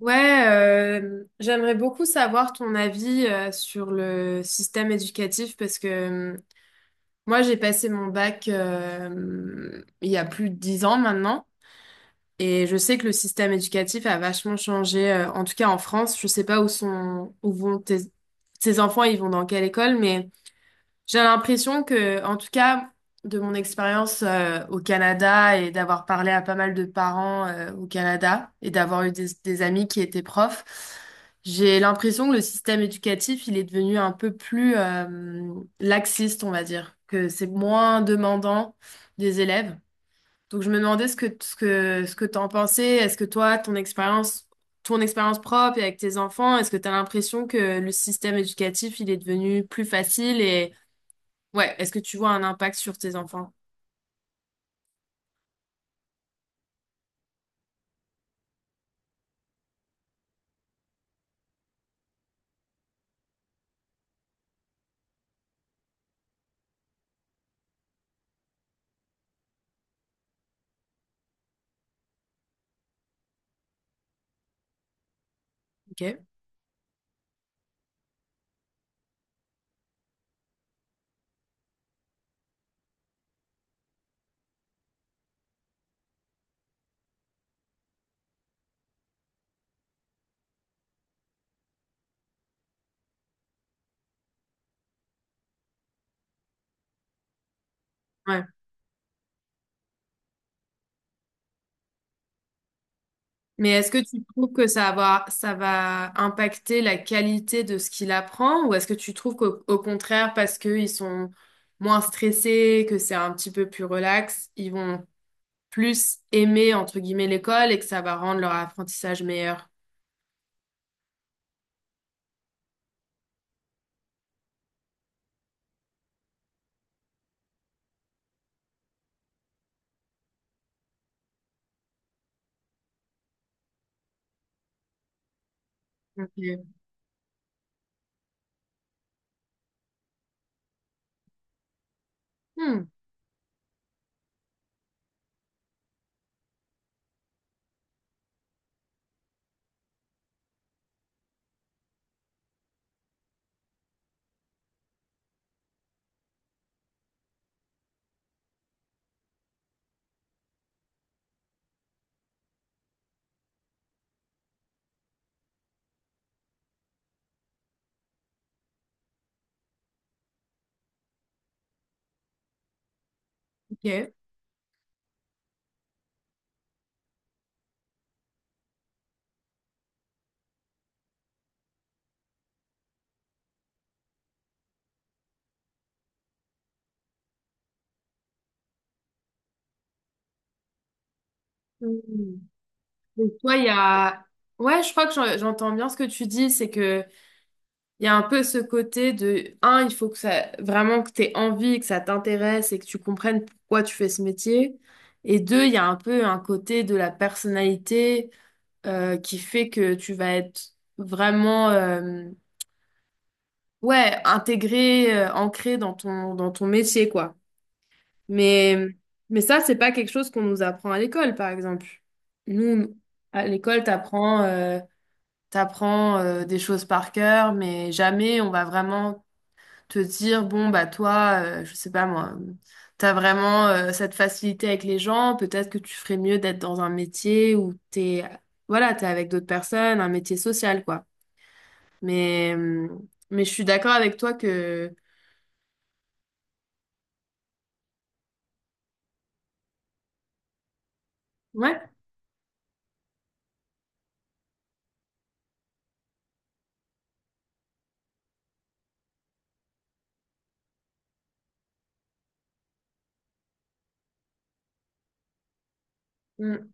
Ouais, J'aimerais beaucoup savoir ton avis sur le système éducatif parce que moi j'ai passé mon bac il y a plus de 10 ans maintenant et je sais que le système éducatif a vachement changé, en tout cas en France. Je sais pas où vont tes enfants, ils vont dans quelle école, mais j'ai l'impression que, en tout cas, de mon expérience au Canada et d'avoir parlé à pas mal de parents au Canada et d'avoir eu des amis qui étaient profs, j'ai l'impression que le système éducatif, il est devenu un peu plus laxiste, on va dire, que c'est moins demandant des élèves. Donc je me demandais ce que t'en pensais. Est-ce que toi, ton expérience propre et avec tes enfants, est-ce que tu as l'impression que le système éducatif, il est devenu plus facile? Ouais, est-ce que tu vois un impact sur tes enfants? Ok. Ouais. Mais est-ce que tu trouves que ça va impacter la qualité de ce qu'il apprend, ou est-ce que tu trouves qu'au au contraire, parce qu'ils sont moins stressés, que c'est un petit peu plus relax, ils vont plus aimer, entre guillemets, l'école, et que ça va rendre leur apprentissage meilleur? Ok. Hmm, ok. Hmm. Donc, toi, il y a... Ouais, je crois que j'entends bien ce que tu dis, c'est que... Il y a un peu ce côté de, un, il faut que ça, vraiment que t'aies envie, que ça t'intéresse et que tu comprennes pourquoi tu fais ce métier. Et deux, il y a un peu un côté de la personnalité qui fait que tu vas être vraiment, ouais, intégré, ancré dans dans ton métier, quoi. Mais, mais ça, c'est pas quelque chose qu'on nous apprend à l'école, par exemple. Nous, à l'école, t'apprends des choses par cœur, mais jamais on va vraiment te dire, bon, bah toi, je sais pas moi, t'as vraiment cette facilité avec les gens, peut-être que tu ferais mieux d'être dans un métier où t'es, voilà, t'es avec d'autres personnes, un métier social, quoi. Mais, euh, mais je suis d'accord avec toi que... Ouais, mm,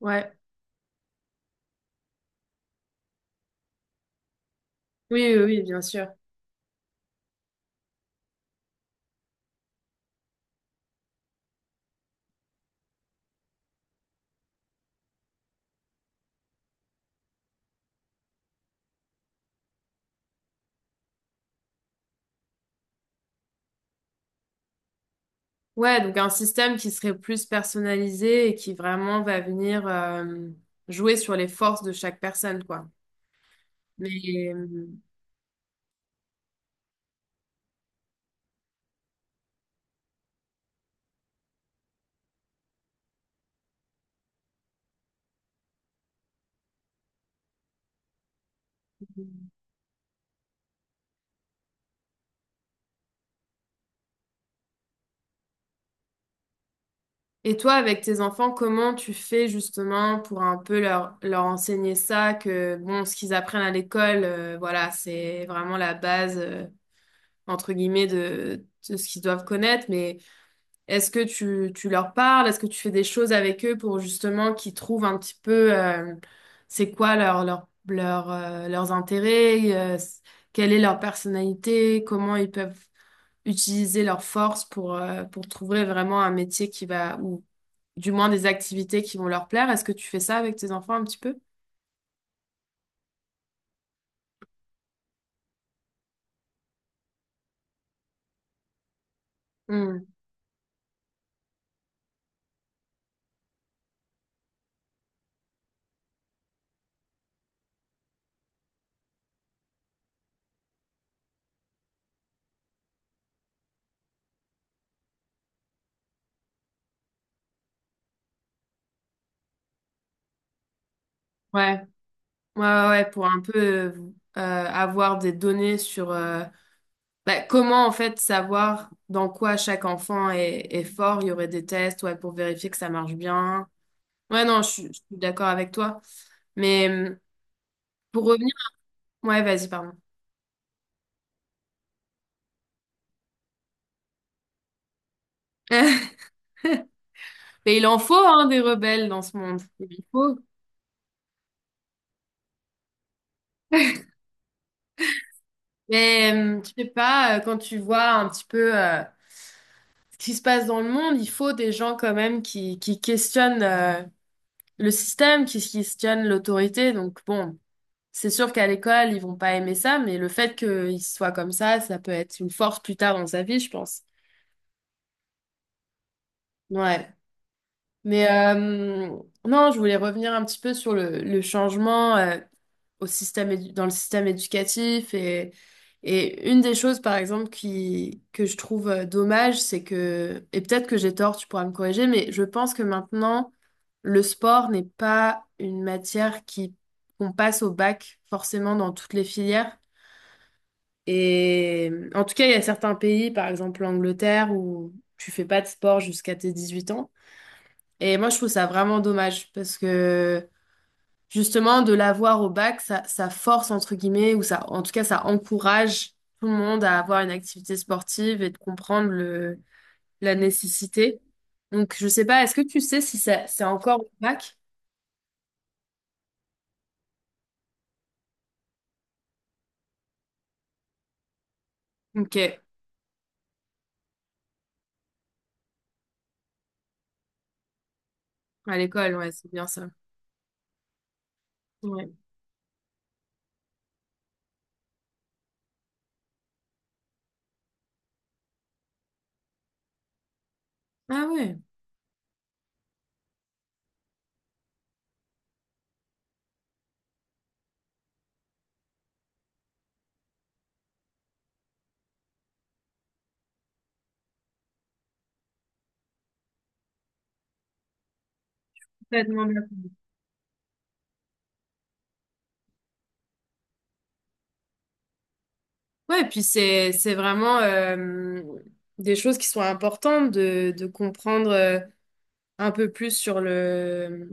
ouais, oui, oui, oui, bien sûr. Ouais, donc un système qui serait plus personnalisé et qui vraiment va venir jouer sur les forces de chaque personne, quoi. Mais, mm, et toi, avec tes enfants, comment tu fais justement pour un peu leur enseigner ça, que bon, ce qu'ils apprennent à l'école, voilà, c'est vraiment la base, entre guillemets, de ce qu'ils doivent connaître, mais est-ce que tu leur parles? Est-ce que tu fais des choses avec eux pour justement qu'ils trouvent un petit peu, c'est quoi leurs intérêts, quelle est leur personnalité, comment ils peuvent utiliser leurs forces pour trouver vraiment un métier qui va, du moins des activités qui vont leur plaire. Est-ce que tu fais ça avec tes enfants un petit peu? Hmm. Ouais, ouais, ouais, ouais, pour un peu euh, avoir des données sur bah, comment en fait savoir dans quoi chaque enfant est fort. Il y aurait des tests, ouais, pour vérifier que ça marche bien. Ouais, non, je suis d'accord avec toi. Mais pour revenir, ouais, vas-y, pardon. Mais il en faut hein, des rebelles dans ce monde. Il faut. Mais je sais pas, quand tu vois un petit peu. Qu'est-ce qui se passe dans le monde, il faut des gens quand même qui questionnent le système, qui questionnent l'autorité. Donc bon, c'est sûr qu'à l'école, ils vont pas aimer ça, mais le fait qu'ils soient comme ça peut être une force plus tard dans sa vie, je pense. Ouais. Mais non, je voulais revenir un petit peu sur le changement au dans le système éducatif. Et une des choses, par exemple, que je trouve dommage, c'est que, et peut-être que j'ai tort, tu pourras me corriger, mais je pense que maintenant, le sport n'est pas une matière qui, qu'on passe au bac forcément dans toutes les filières. Et en tout cas, il y a certains pays, par exemple l'Angleterre, où tu fais pas de sport jusqu'à tes 18 ans. Et moi, je trouve ça vraiment dommage parce que justement, de l'avoir au bac, ça force, entre guillemets, ou ça, en tout cas, ça encourage tout le monde à avoir une activité sportive et de comprendre la nécessité. Donc, je sais pas, est-ce que tu sais si ça, c'est encore au bac? Ok, à l'école, ouais, c'est bien ça. Ouais. Ah ouais, complètement bien. Ouais, et puis c'est vraiment des choses qui sont importantes de comprendre. Un peu plus sur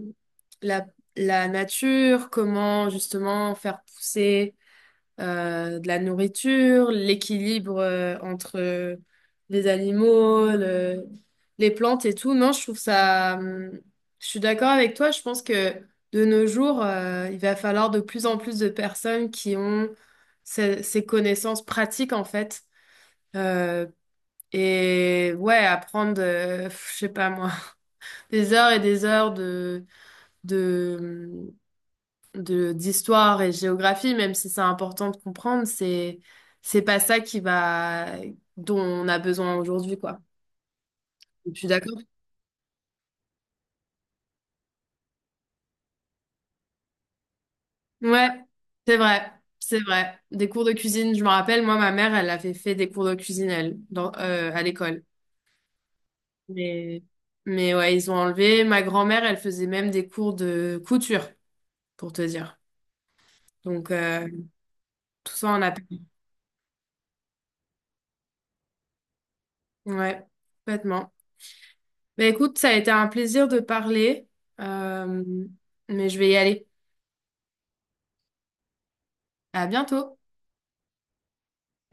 la, la nature, comment justement faire pousser de la nourriture, l'équilibre entre les animaux, les plantes et tout. Non, je trouve ça... je suis d'accord avec toi, je pense que de nos jours, il va falloir de plus en plus de personnes qui ont ces connaissances pratiques en fait. Euh, et ouais, apprendre, pff, je sais pas moi, des heures et des heures de, d'histoire et géographie, même si c'est important de comprendre, c'est pas ça qui va, dont on a besoin aujourd'hui, quoi. Je suis d'accord? Ouais, c'est vrai, c'est vrai. Des cours de cuisine, je me rappelle, moi, ma mère, elle avait fait des cours de cuisine, elle, à l'école. Mais, mais ouais, ils ont enlevé. Ma grand-mère, elle faisait même des cours de couture, pour te dire. Donc, tout ça, on a... Ouais, complètement. Bah écoute, ça a été un plaisir de parler, euh, mais je vais y aller. À bientôt.